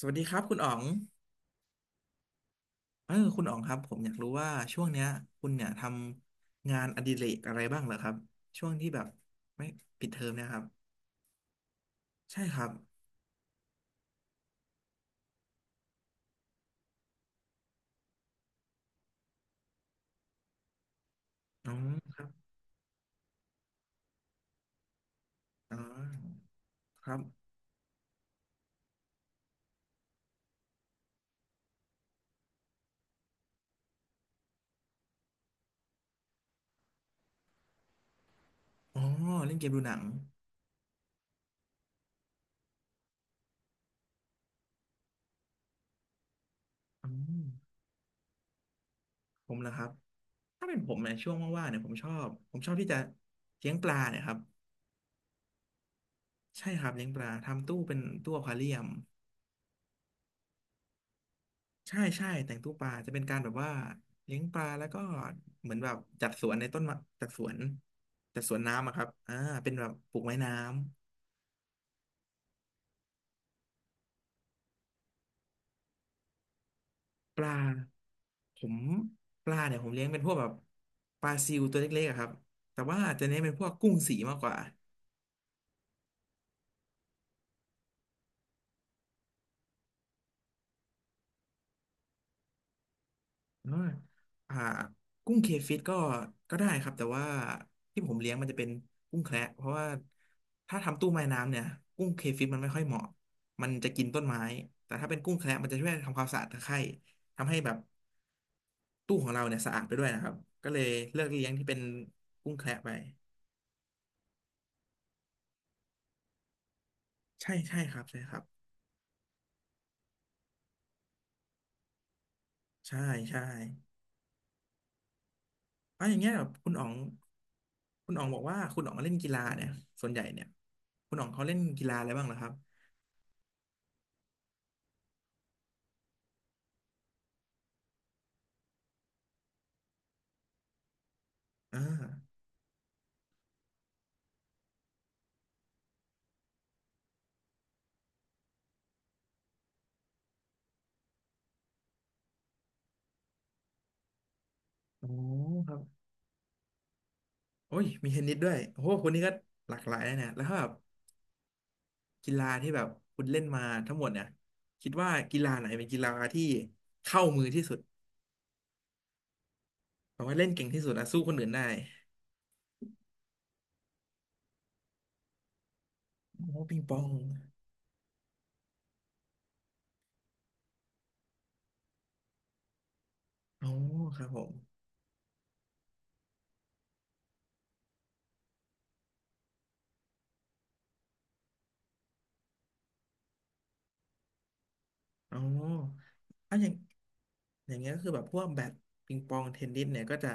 สวัสดีครับคุณอ๋องคุณอ๋องครับผมอยากรู้ว่าช่วงเนี้ยคุณเนี่ยทำงานอดิเรกอะไรบ้างเหรอครับช่วงที่แบบไม่ปิดเทอมเนะครับใช่ครับอ๋อครับอ๋อครับอ๋อเล่นเกมดูหนังอืมผมเหรอครับถ้าเป็นผมเนี่ยช่วงว่างๆเนี่ยผมชอบที่จะเลี้ยงปลาเนี่ยครับใช่ครับเลี้ยงปลาทำตู้เป็นตู้อควาเรียม ใช่ใช่แต่งตู้ปลาจะเป็นการแบบว่าเลี้ยงปลาแล้วก็เหมือนแบบจัดสวนในต้นมะจัดสวนจัดสวนน้ำอะครับอ่าเป็นแบบปลูกไม้น้ำปลาผมปลาเนี่ยผมเลี้ยงเป็นพวกแบบปลาซิวตัวเล็กๆอะครับแต่ว่าจะเน้นเป็นพวกกุ้งสีมากกว่า อ่าอ่ากุ้งเคฟิตก็ก็ได้ครับแต่ว่าที่ผมเลี้ยงมันจะเป็นกุ้งแคระเพราะว่าถ้าทำตู้ไม้น้ำเนี่ยกุ้งเคฟิตมันไม่ค่อยเหมาะมันจะกินต้นไม้แต่ถ้าเป็นกุ้งแคระมันจะช่วยทำความสะอาดตะไคร่ทำให้แบบตู้ของเราเนี่ยสะอาดไปด้วยนะครับก็เลยเลือกเลี้ยงที่เป็นกุ้งแคระไปใช่ใช่ครับใช่ครับใช่ใช่เอ๋ออย่างเงี้ยแบบคุณอ๋องคุณอ๋องบอกว่าคุณอ๋องเล่นกีฬาเนี่ยส่วนใหญ่เนี่ยคุณอ๋องเขาเล่นกีฬาอะไรบ้างเหรอครับอ่า อ๋อครับโอ้ยมีเทนนิสด้วยโอ้โหคนนี้ก็หลากหลายนะเนี่ยแล้วถ้าแบบกีฬาที่แบบคุณเล่นมาทั้งหมดเนี่ยคิดว่ากีฬาไหนเป็นกีฬาที่เข้ามือที่สุดแปลว่าเล่นเก่งที่สุดอะสู้คนอื่นได้โอ้ปิงปองอ๋อครับผมอ๋ออ่ะอย่างอย่างเงี้ยก็คือแบบพวกแบดปิงปองเทนนิสเนี่ยก็จะ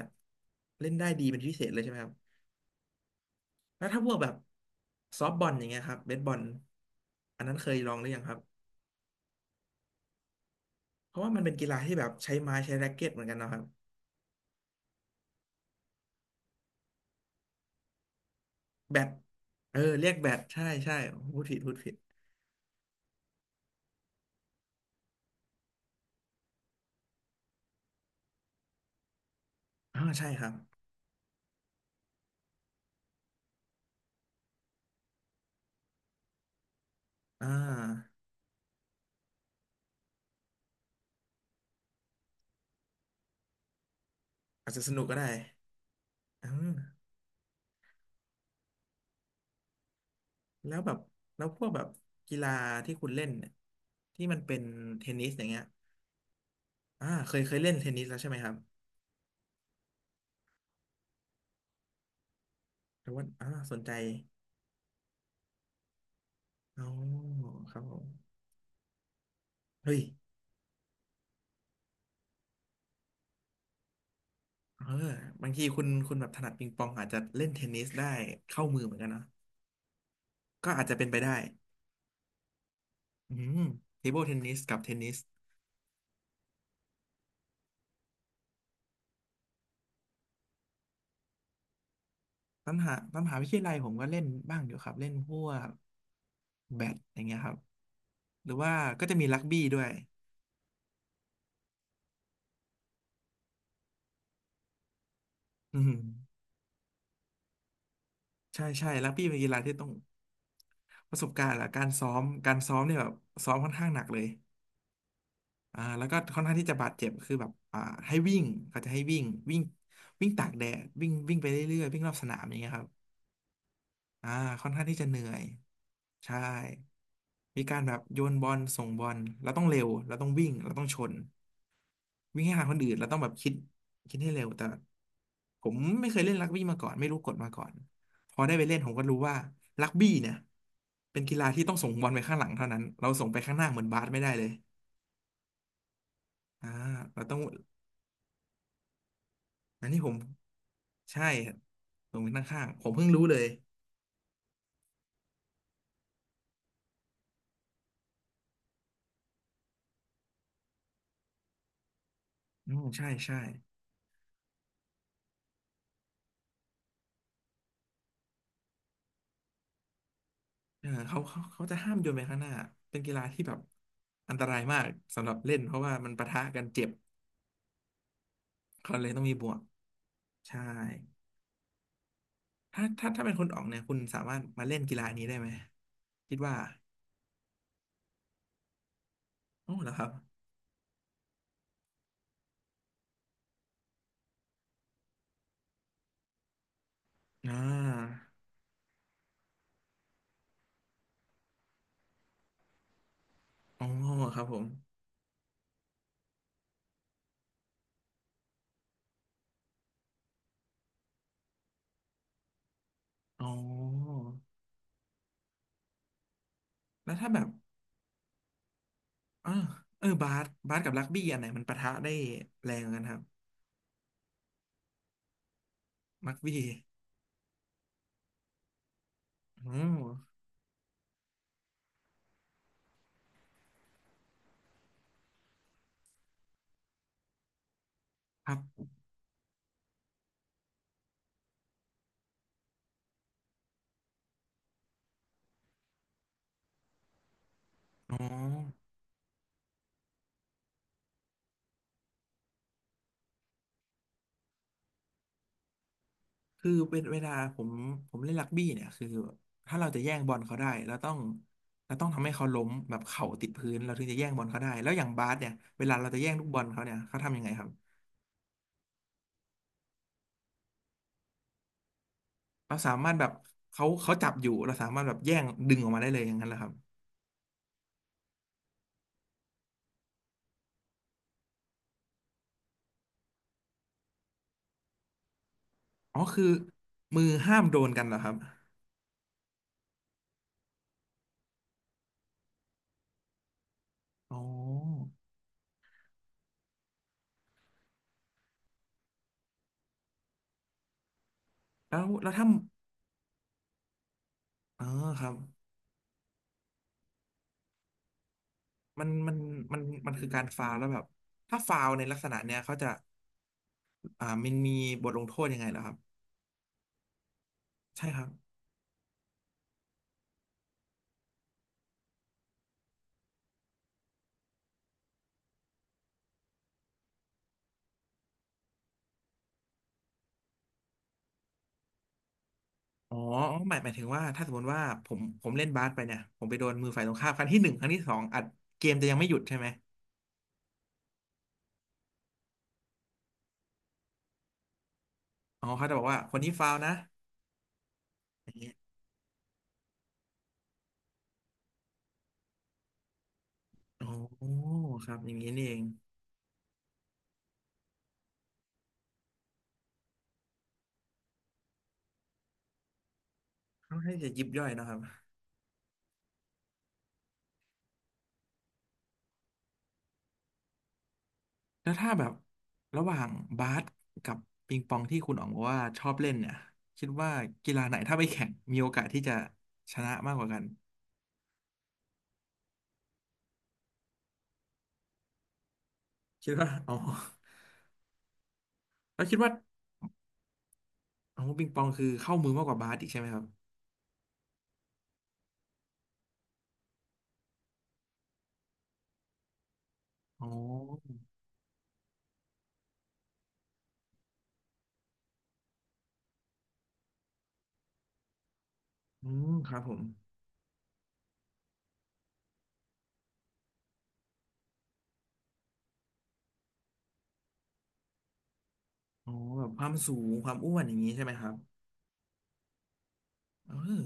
เล่นได้ดีเป็นพิเศษเลยใช่ไหมครับแล้วถ้าพวกแบบซอฟต์บอลอย่างเงี้ยครับเบสบอลอันนั้นเคยลองหรือยังครับ เพราะว่ามันเป็นกีฬาที่แบบใช้ไม้ใช้แร็กเก็ตเหมือนกันเนาะครับแบดเออเรียกแบดใช่ใช่พูดผิดอ่าใช่ครับอ่าอาจจะสนุกก็ได้อ่าแล้วแบบแล้วพวกแบบกีฬาที่คุณเล่นเนี่ยที่มันเป็นเทนนิสอย่างเงี้ยอ่าเคยเคยเล่นเทนนิสแล้วใช่ไหมครับหรือว่าอ่าสนใจอ๋อครับผมเฮ้ยเออบางทีคุณคุณแบบถนัดปิงปองอาจจะเล่นเทนนิสได้เข้ามือเหมือนกันเนอะก็อาจจะเป็นไปได้อืมเทเบิลเทนนิสกับเทนนิส ตามหาตามหาวิทยาลัยผมก็เล่นบ้างอยู่ครับเล่นพวกแบดอย่างเงี้ยครับหรือว่าก็จะมีรักบี้ด้วยอืมใช่ใช่รักบี้เป็นกีฬาที่ต้องประสบการณ์ละการซ้อมเนี่ยแบบซ้อมค่อนข้างหนักเลยอ่าแล้วก็ค่อนข้างที่จะบาดเจ็บคือแบบอ่าให้วิ่งเขาจะให้วิ่งวิ่งวิ่งตากแดดวิ่งวิ่งไปเรื่อยๆวิ่งรอบสนามอย่างเงี้ยครับอ่าค่อนข้างที่จะเหนื่อยใช่มีการแบบโยนบอลส่งบอลเราต้องเร็วเราต้องวิ่งเราต้องชน วิ่งให้ทันคนอื่นเราต้องแบบคิดคิดให้เร็วแต่ผมไม่เคยเล่นรักบี้มาก่อนไม่รู้กฎมาก่อนพอได้ไปเล่นผมก็รู้ว่ารักบี้เนี่ยเป็นกีฬาที่ต้องส่งบอลไปข้างหลังเท่านั้นเราส่งไปข้างหน้าเหมือนบาสไม่ได้เลยอ่าเราต้องอันนี้ผมใช่ส่งไปข้างข้างผมเพิ่งรู้เลยอืมใช่ใช่เออเขาจะห้ามโยนไปข้างหน้าเป็นกีฬาที่แบบอันตรายมากสำหรับเล่นเพราะว่ามันปะทะกันเจ็บเขาเลยต้องมีบวกใช่ ถ้าเป็นคุณอ๋องเนี่ยคุณสามารถมาเล่นกีฬานี้ได้ไหมคิดว่าอ๋อเหรอครับอ่าอ๋อครับผมอ๋อแล้วถ้าแบบอ่าเออบาสกับรักบี้อันไหนมันปะทะได้แรงกันครับรักบี้อ๋อครับอ๋อคือเป็นเวลาผมผมเล่นรักบี้เนี่ยคือถ้าเราจะแย่งบอลเขาได้เราต้องทำให้เขาล้มแบบเข่าติดพื้นเราถึงจะแย่งบอลเขาได้แล้วอย่างบาสเนี่ยเวลาเราจะแย่งลูกบอลเขาเนี่ยเขาทำยังไงครับ เราสามารถแบบเขาจับอยู่เราสามารถแบบแย่งดึงออกมาได้เลยอย่างนั้นเหรอครับอ๋อคือมือห้ามโดนกันเหรอครับอ๋อแล้วถ้าเออครับมันมันมันคือการฟาวล์แล้วแบบถ้าฟาวล์ในลักษณะเนี้ยเขาจะอ่ามันมีบทลงโทษยังไงเหรอครับใช่ครับอ๋อหมายหมายถึงว่าถ้าสมมติว่าผมเล่นบาสไปเนี่ยผมไปโดนมือฝ่ายตรงข้ามครั้งที่หนึ่งครั้งที่สองอัดเกมจะยังไม่หยุดใช่ไหมอ๋อเขาจะบอกว่าคนนี้ฟาวล์นะอย่างเงี้ยอ๋อครับอย่างนี้นี่เอง ค่อนข้างจะยิบย่อยเนอะครับแล้วถ้าแบบระหว่างบาสกับปิงปองที่คุณอ๋องบอกว่าชอบเล่นเนี่ยคิดว่ากีฬาไหนถ้าไปแข่งมีโอกาสที่จะชนะมากกว่ากันคิดว่าอ๋อแล้วคิดว่าอ๋อปิงปองคือเข้ามือมากกว่าบาสอีกใช่ไหมครับอ๋ออืมครับผมอ๋อแบบความสูงความอ้วนอย่างนี้ใช่ไหมครับเออ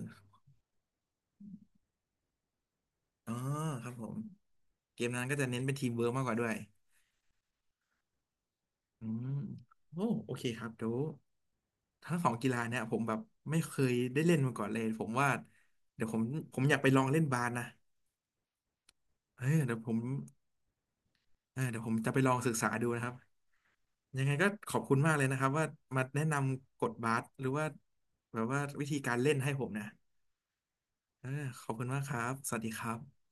อ๋อครับผมเกมนั้นก็จะเน้นเป็นทีมเวิร์กมากกว่าด้วยอืมโอ้โอเคครับเดี๋ยว ทั้งสองกีฬาเนี่ยผมแบบไม่เคยได้เล่นมาก่อนเลยผมว่าเดี๋ยวผมผมอยากไปลองเล่นบาสนะเออเดี๋ยวผมเออเดี๋ยวผมจะไปลองศึกษาดูนะครับยังไงก็ขอบคุณมากเลยนะครับว่ามาแนะนำกฎบาสหรือว่าแบบว่าวิธีการเล่นให้ผมนะเออขอบคุณมากครับสวัสดีครับ